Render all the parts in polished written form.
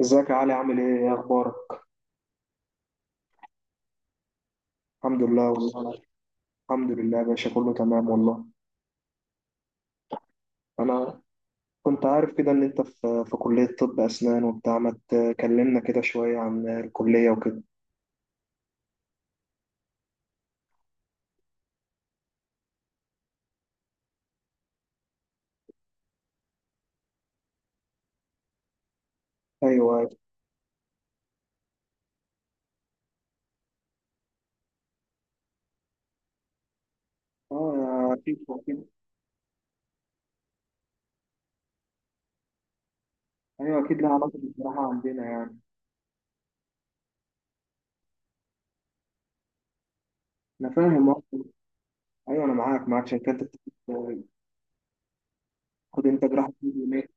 ازيك يا علي؟ عامل ايه؟ اخبارك؟ الحمد لله والله الحمد لله يا باشا، كله تمام والله. انا كنت عارف كده ان انت في كلية طب اسنان وبتاع. ما تكلمنا كده شوية عن الكلية وكده. ايوه. اه، اكيد. ايوه اكيد لها علاقة بالجراحة عندنا يعني. انا فاهم أصلاً. ايوه انا معاك، معاك. عشان كده انت بتاخد انت جراحة في اليومين.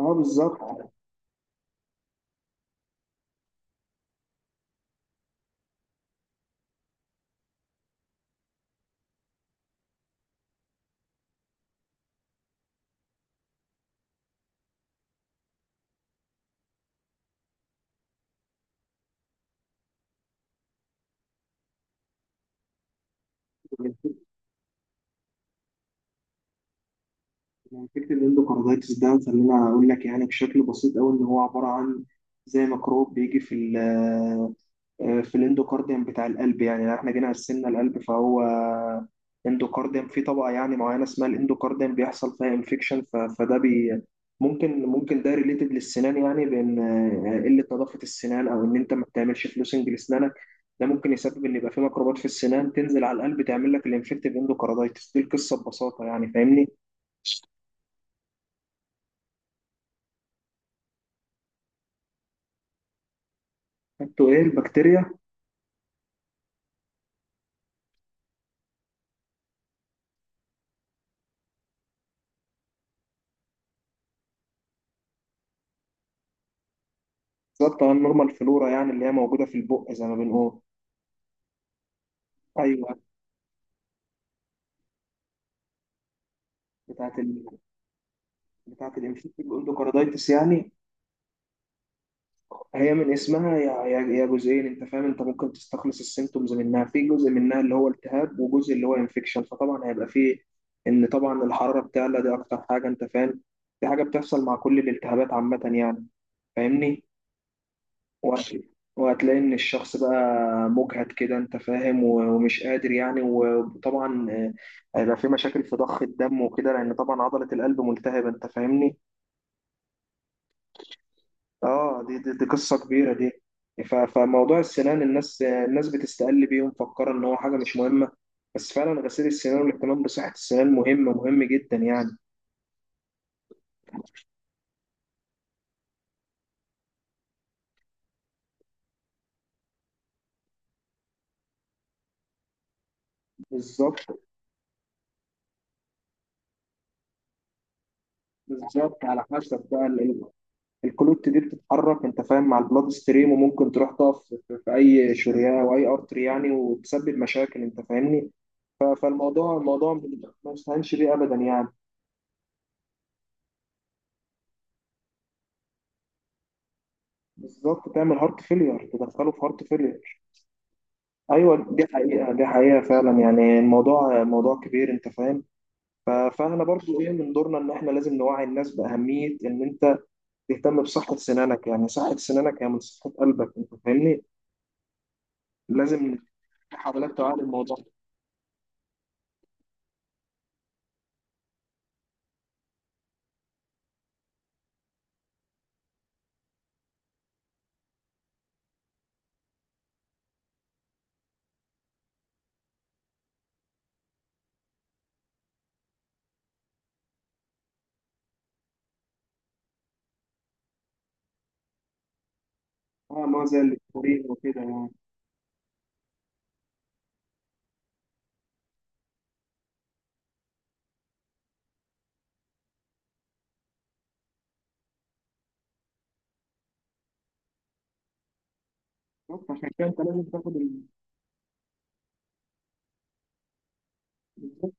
اه بالظبط. يعني فكرة الاندوكاردايتس ده، خلينا أقول لك يعني بشكل بسيط أوي، إن هو عبارة عن زي ميكروب بيجي في ال آه، في الاندوكارديوم بتاع القلب. يعني لو إحنا جينا قسمنا القلب، فهو اندوكارديوم، في طبقة يعني معينة اسمها الاندوكارديوم، بيحصل فيها انفكشن. فده بي ممكن ده ريليتد للسنان، يعني بإن قلة نظافة السنان، أو إن أنت ما بتعملش فلوسنج لسنانك، ده ممكن يسبب إن يبقى في ميكروبات في السنان تنزل على القلب تعمل لك الانفكتيف اندوكاردايتس. دي القصة ببساطة يعني، فاهمني؟ انتوا ايه البكتيريا؟ بالظبط، اه النورمال فلورا يعني، اللي هي موجوده في البق زي ما بنقول. ايوه. بتاعت ال... بتاعت الانفكتيف اندوكاردايتس يعني. هي من اسمها يا جزئين، انت فاهم؟ انت ممكن تستخلص السيمتومز منها. في جزء منها اللي هو التهاب وجزء اللي هو انفكشن، فطبعا هيبقى فيه ان طبعا الحراره بتعلى، دي اكتر حاجه انت فاهم. دي حاجه بتحصل مع كل الالتهابات عامه يعني، فاهمني؟ وهت- وهتلاقي ان الشخص بقى مجهد كده، انت فاهم، ومش قادر يعني. وطبعا هيبقى في مشاكل في ضخ الدم وكده، لان طبعا عضلة القلب ملتهبة، انت فاهمني؟ اه، دي قصة كبيرة دي. فموضوع السنان، الناس بتستقل بيه ومفكرة ان هو حاجة مش مهمة، بس فعلا غسيل السنان والاهتمام بصحة السنان مهم، مهم جدا يعني. بالظبط. بالظبط، على حسب بقى الكلوت دي بتتحرك انت فاهم، مع البلاد ستريم، وممكن تروح تقف في اي شريان او اي ارتري يعني، وتسبب مشاكل انت فاهمني. فالموضوع ما يستهانش بيه ابدا يعني. بالظبط، تعمل هارت فيلير، تدخله في هارت فيلير. ايوه، دي حقيقه فعلا يعني. الموضوع موضوع كبير انت فاهم. فاحنا برضو ايه، من دورنا ان احنا لازم نوعي الناس باهميه ان انت تهتم بصحه سنانك. يعني صحه سنانك هي من صحه قلبك انت فاهمني. لازم في حاولات تعالج الموضوع. اه، ما زي الكورين وكده يعني. بالظبط، عشان كده انت لازم تاخد بالظبط.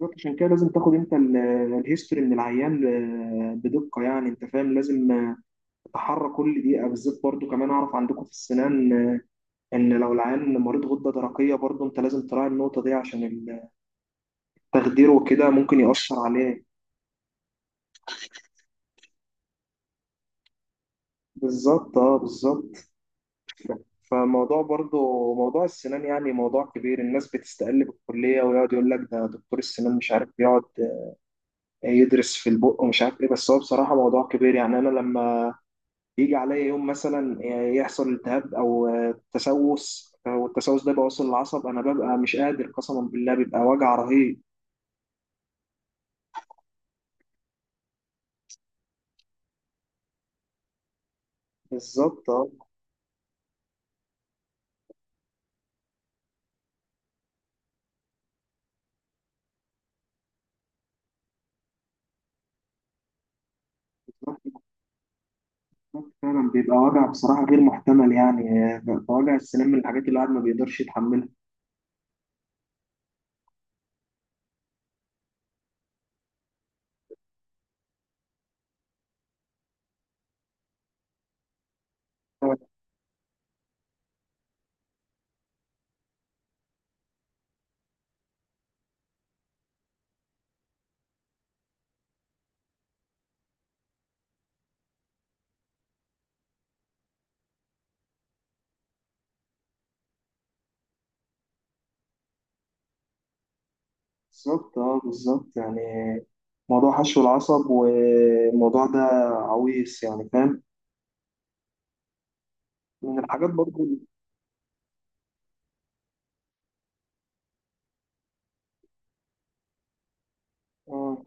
بالظبط، عشان كده لازم تاخد انت الهيستوري من العيان بدقه يعني، انت فاهم؟ لازم تتحرى كل دقيقه بالذات. برضو كمان، اعرف عندكم في السنان ان لو العيان مريض غده درقيه، برضو انت لازم تراعي النقطه دي، عشان التخدير وكده ممكن يأثر عليه. بالظبط، اه بالظبط. فموضوع برضو، موضوع السنان يعني موضوع كبير. الناس بتستقل بالكلية، ويقعد يقول لك ده دكتور السنان مش عارف، يقعد يدرس في البق ومش عارف ايه. بس هو بصراحة موضوع كبير يعني. انا لما يجي عليا يوم مثلا يحصل التهاب او تسوس، والتسوس ده بيوصل للعصب، انا ببقى مش قادر قسما بالله، بيبقى وجع رهيب. بالظبط، اه بالظبط. بالظبط. فعلا بيبقى وجع بصراحة غير محتمل يعني. بيبقى وجع السنان من الحاجات اللي الواحد ما بيقدرش يتحملها. بالظبط، اه بالظبط يعني. موضوع حشو العصب والموضوع ده عويص يعني، فاهم؟ من الحاجات برضو اللي- اه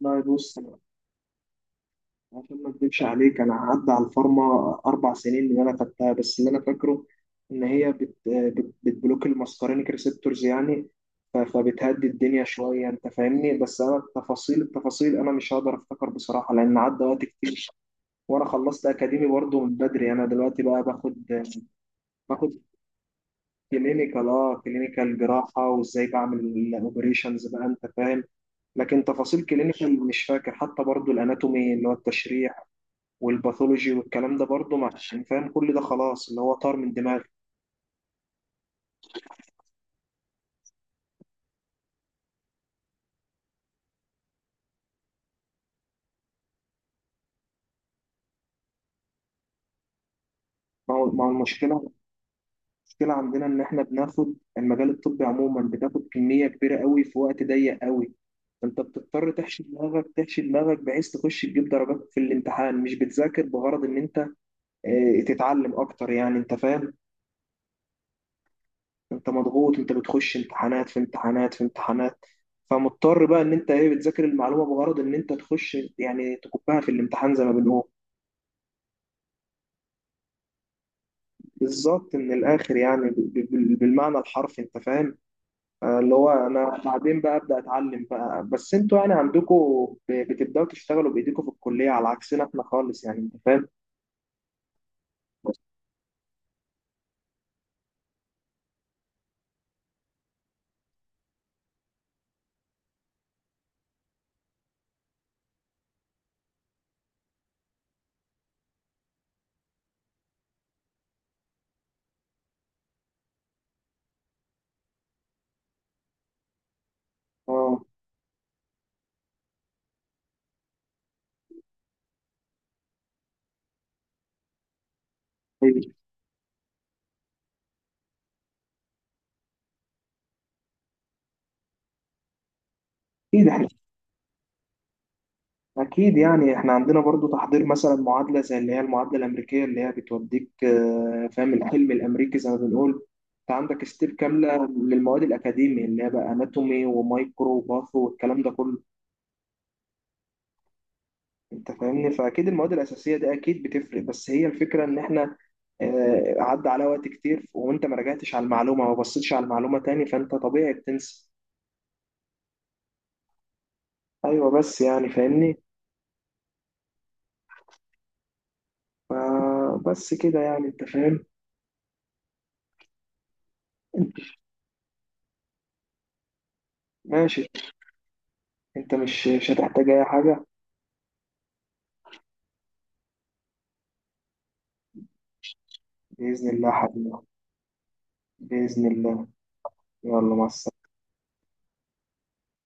لا، يبص، عشان ما اكدبش عليك، انا عدى على الفارما اربع سنين اللي انا خدتها. بس اللي انا فاكره ان هي بت بت بتبلوك الماسكارينيك ريسبتورز يعني. فبتهدي الدنيا شويه انت فاهمني. بس انا التفاصيل، انا مش هقدر افتكر بصراحه، لان عدى وقت كتير. وانا خلصت اكاديمي برضه من بدري. انا دلوقتي بقى باخد كلينيكال. اه، كلينيكال جراحه وازاي بعمل الاوبريشنز بقى انت فاهم. لكن تفاصيل كلينيكال مش فاكر، حتى برضو الاناتومي اللي هو التشريح والباثولوجي والكلام ده برضه، مع عشان فاهم كل ده خلاص، اللي هو طار من دماغي. ما هو المشكله، المشكله عندنا ان احنا بناخد المجال الطبي عموما، بتاخد كميه كبيره قوي في وقت ضيق قوي. انت بتضطر تحشي دماغك بحيث تخش تجيب درجات في الامتحان. مش بتذاكر بغرض ان انت اه، تتعلم اكتر يعني، انت فاهم. انت مضغوط، انت بتخش امتحانات في امتحانات. فمضطر بقى ان انت ايه، بتذاكر المعلومه بغرض ان انت تخش يعني تكبها في الامتحان زي ما بنقول. بالظبط، من الاخر يعني بالمعنى الحرفي انت فاهم. اللي هو انا بعدين بقى ابدا اتعلم بقى. بس انتوا يعني عندكم بتبداوا تشتغلوا بايديكم في الكليه، على عكسنا احنا خالص يعني انت فاهم. اه طيب. اكيد احنا، اكيد يعني احنا عندنا برضو تحضير مثلا، معادله زي اللي هي المعادله الامريكيه اللي هي بتوديك فاهم، الحلم الامريكي زي ما بنقول. انت عندك ستيب كامله للمواد الاكاديميه، اللي هي بقى اناتومي ومايكرو وباثو والكلام ده كله، انت فاهمني. فاكيد المواد الاساسيه دي اكيد بتفرق. بس هي الفكره ان احنا عدى على وقت كتير، وانت ما رجعتش على المعلومه، ما بصيتش على المعلومه تاني، فانت طبيعي بتنسى. ايوه بس يعني فاهمني. ف- بس كده يعني انت فاهم. ماشي، انت مش هتحتاج اي حاجه. باذن الله حبيبي. باذن الله. يلا، مع السلامه.